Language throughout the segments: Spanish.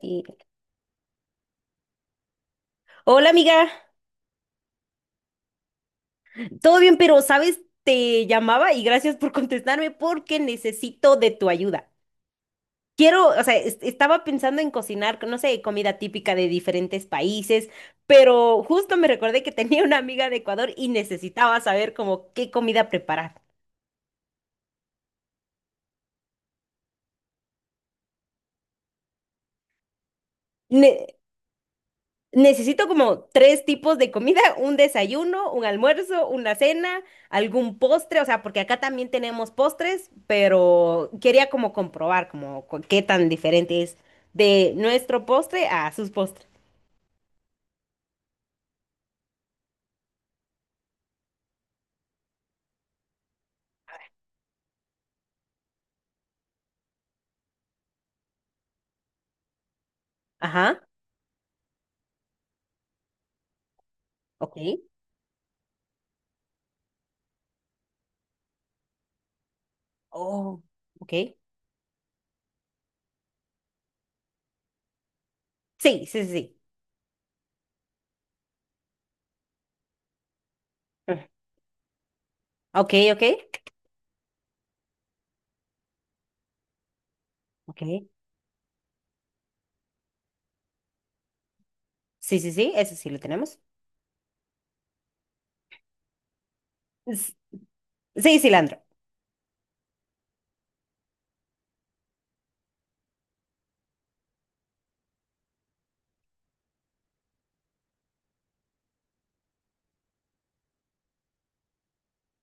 Y- Hola amiga, todo bien, pero sabes, te llamaba y gracias por contestarme porque necesito de tu ayuda. Quiero, o sea, estaba pensando en cocinar, no sé, comida típica de diferentes países, pero justo me recordé que tenía una amiga de Ecuador y necesitaba saber como qué comida preparar. Necesito como tres tipos de comida, un desayuno, un almuerzo, una cena, algún postre, o sea, porque acá también tenemos postres, pero quería como comprobar como qué tan diferente es de nuestro postre a sus postres. Ajá, ok. Oh, ok. Sí, sí, sí, sí. Ah, ok, ok. Ok. Sí, sí, sí, eso sí lo tenemos. S- Sí, cilantro.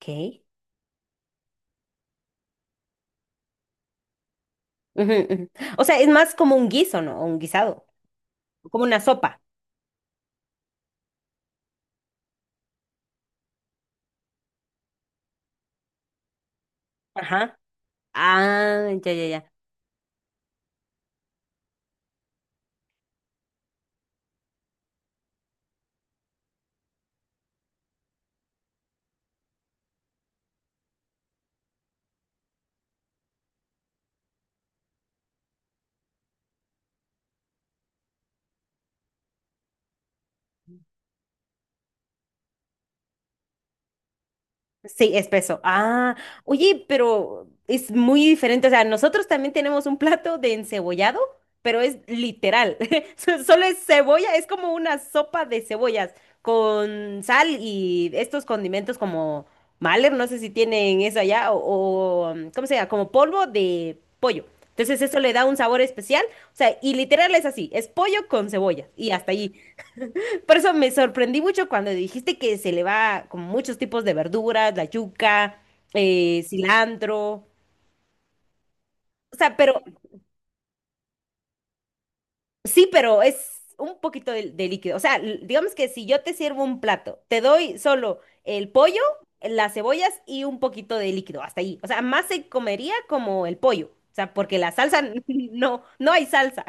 Ok. Ujú, ujú. O sea, es más como un guiso, ¿no? Un guisado, como una sopa. Ajá. Ah, ya, ya, ya. Sí, espeso. Ah, oye, pero es muy diferente. O sea, nosotros también tenemos un plato de encebollado, pero es literal. Solo es cebolla, es como una sopa de cebollas con sal y estos condimentos como Mahler, no sé si tienen eso allá, o, ¿cómo se llama? Como polvo de pollo. Entonces eso le da un sabor especial. O sea, y literal es así, es pollo con cebolla y hasta allí. Por eso me sorprendí mucho cuando dijiste que se le va con muchos tipos de verduras, la yuca, cilantro. O sea, pero sí, pero es un poquito de líquido. O sea, digamos que si yo te sirvo un plato, te doy solo el pollo, las cebollas y un poquito de líquido, hasta ahí. O sea, más se comería como el pollo. O sea, porque la salsa, no, no hay salsa.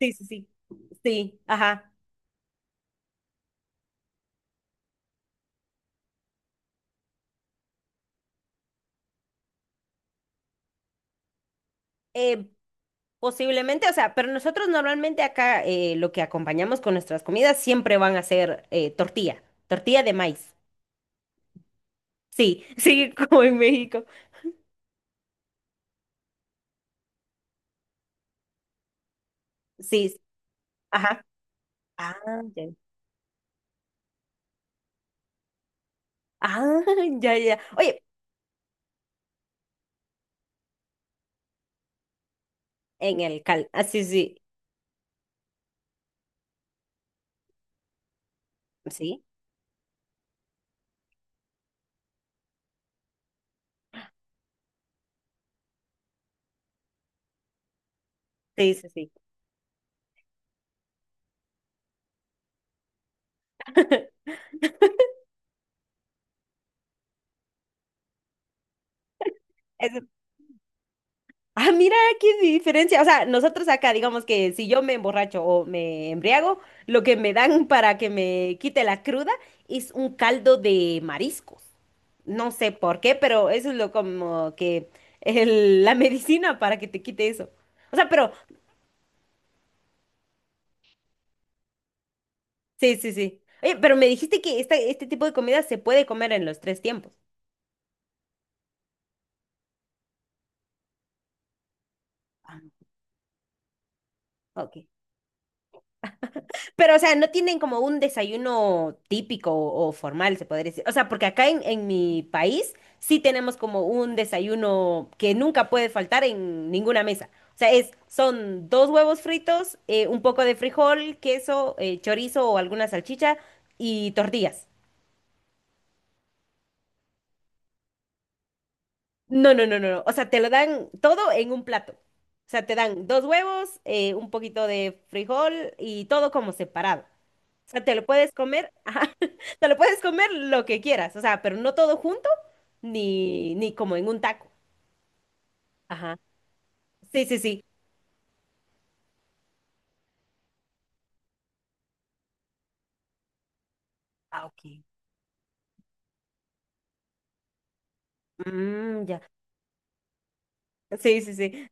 Sí, sí, sí. Sí, ajá. Eh, posiblemente, o sea, pero nosotros normalmente acá lo que acompañamos con nuestras comidas siempre van a ser tortilla, tortilla de maíz. Sí, sí, como en México. Sí, sí, ajá. Ah, ya. Ah, ya, ya. Oye, en el cal. Ah, sí, sí. Sí, sí, sí, sí. Eso- Ah, mira qué diferencia. O sea, nosotros acá, digamos que si yo me emborracho o me embriago, lo que me dan para que me quite la cruda es un caldo de mariscos. No sé por qué, pero eso es lo como que la medicina para que te quite eso. O sea, pero sí, sí, sí. Oye, pero me dijiste que este tipo de comida se puede comer en los tres tiempos. Ah, ok. Pero, o sea, no tienen como un desayuno típico o formal, se podría decir. O sea, porque acá en mi país sí tenemos como un desayuno que nunca puede faltar en ninguna mesa. O sea, es, son dos huevos fritos, un poco de frijol, queso, chorizo o alguna salchicha y tortillas. No, no, no, no, no. O sea, te lo dan todo en un plato. O sea, te dan dos huevos, un poquito de frijol y todo como separado. O sea, te lo puedes comer, ajá, te lo puedes comer lo que quieras, o sea, pero no todo junto, ni, ni como en un taco. Ajá. Sí, sí, sí. Ah, ok. Mm, ya. Sí, sí, sí.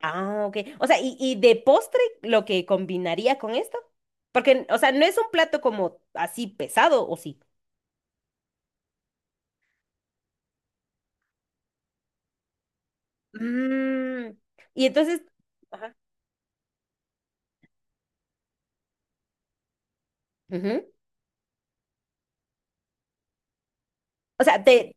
Ah, ok. O sea, y de postre, lo que combinaría con esto. Porque, o sea, no es un plato como así pesado, ¿o sí? Mm, y entonces, ajá, ujú. O sea, te,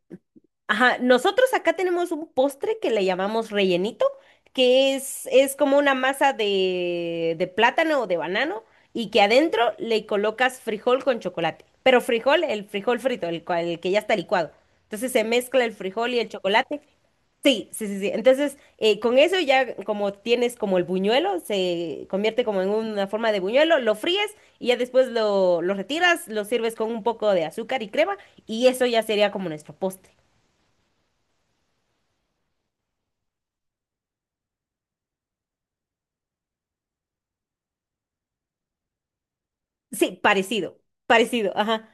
ajá, nosotros acá tenemos un postre que le llamamos rellenito, que es como una masa de plátano o de banano y que adentro le colocas frijol con chocolate. Pero frijol, el frijol frito, el, el que ya está licuado. Entonces se mezcla el frijol y el chocolate. Sí, sí, sí, sí. Entonces, con eso ya como tienes como el buñuelo, se convierte como en una forma de buñuelo, lo fríes y ya después lo retiras, lo sirves con un poco de azúcar y crema y eso ya sería como nuestro postre. Sí, parecido, parecido, ajá,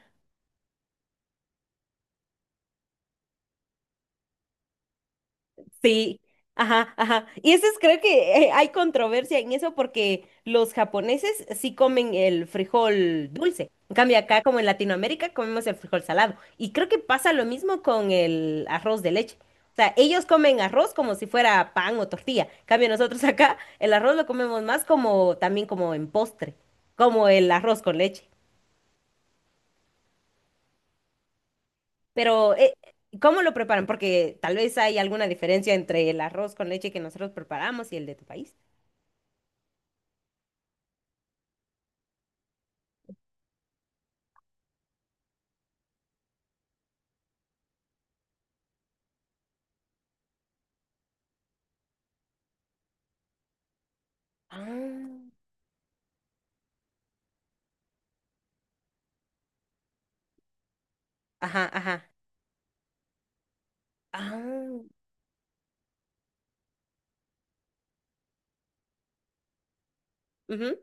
sí, ajá, ajá. Y eso es, creo que hay controversia en eso porque los japoneses sí comen el frijol dulce. En cambio, acá como en Latinoamérica comemos el frijol salado. Y creo que pasa lo mismo con el arroz de leche. O sea, ellos comen arroz como si fuera pan o tortilla. En cambio, nosotros acá el arroz lo comemos más como también como en postre, como el arroz con leche. Pero, ¿cómo lo preparan? Porque tal vez hay alguna diferencia entre el arroz con leche que nosotros preparamos y el de tu país. Ah, ajá, ajá, ah. Ujú.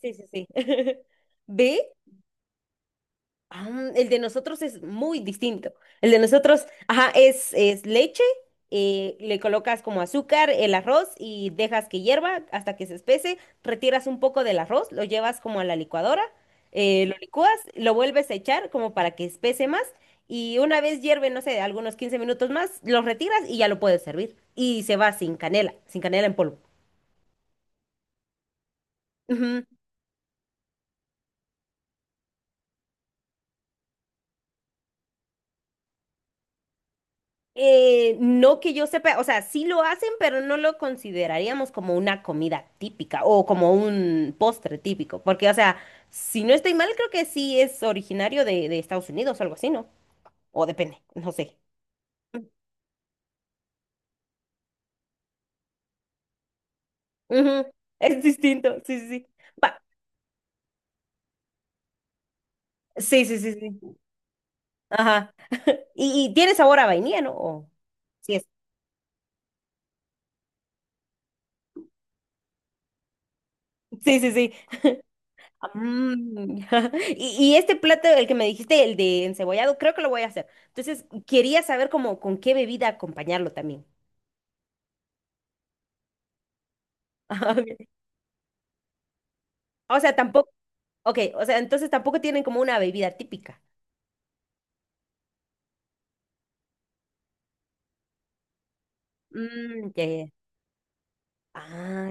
Sí, sí, sí. ¿Ve? Ah, el de nosotros es muy distinto. El de nosotros, ajá, es leche, le colocas como azúcar, el arroz y dejas que hierva hasta que se espese, retiras un poco del arroz, lo llevas como a la licuadora, lo licúas, lo vuelves a echar como para que espese más y una vez hierve, no sé, algunos 15 minutos más, lo retiras y ya lo puedes servir. Y se va sin canela, sin canela en polvo. Ujú. No que yo sepa, o sea, sí lo hacen, pero no lo consideraríamos como una comida típica o como un postre típico, porque, o sea, si no estoy mal, creo que sí es originario de Estados Unidos o algo así, ¿no? O depende, no sé. Ujú, es distinto, sí, sí, sí. Va, sí, sí, sí, sí. Ajá. Y tiene sabor a vainilla, ¿no? Sí es. Sí, sí, sí. Mm, y este plato, el que me dijiste, el de encebollado, creo que lo voy a hacer. Entonces, quería saber como con qué bebida acompañarlo también. Ok. O sea, tampoco, ok, o sea, entonces tampoco tienen como una bebida típica. Mm, ya, ya. Ah,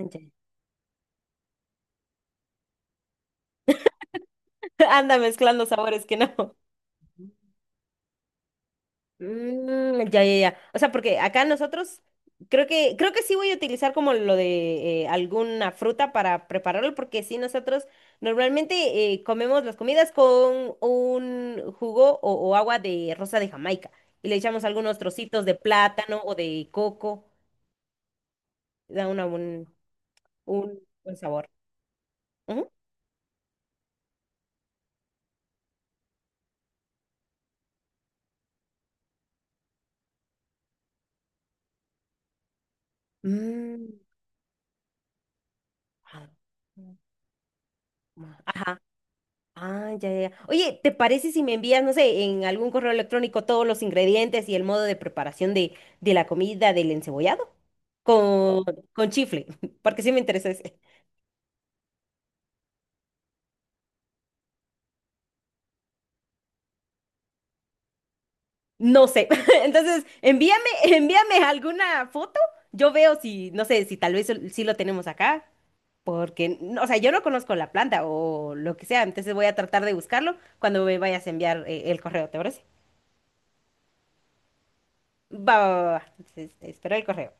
ya. Anda mezclando sabores que no. Mm, ya, ya, ya. O sea, porque acá nosotros creo que sí voy a utilizar como lo de alguna fruta para prepararlo, porque sí nosotros normalmente comemos las comidas con un jugo o agua de rosa de Jamaica y le echamos algunos trocitos de plátano o de coco, da una, un buen sabor. Ujú. Mm, ah, mm, ajá. Ah, ya, ya, ya. Oye, ¿te parece si me envías, no sé, en algún correo electrónico todos los ingredientes y el modo de preparación de la comida del encebollado? Con, con chifle, porque sí me interesa ese. No sé. Entonces, envíame, envíame alguna foto. Yo veo si, no sé, si tal vez sí lo tenemos acá, porque, no, o sea, yo no conozco la planta o lo que sea, entonces voy a tratar de buscarlo cuando me vayas a enviar el correo, ¿te parece? Va, va, va, va. Entonces, espero el correo.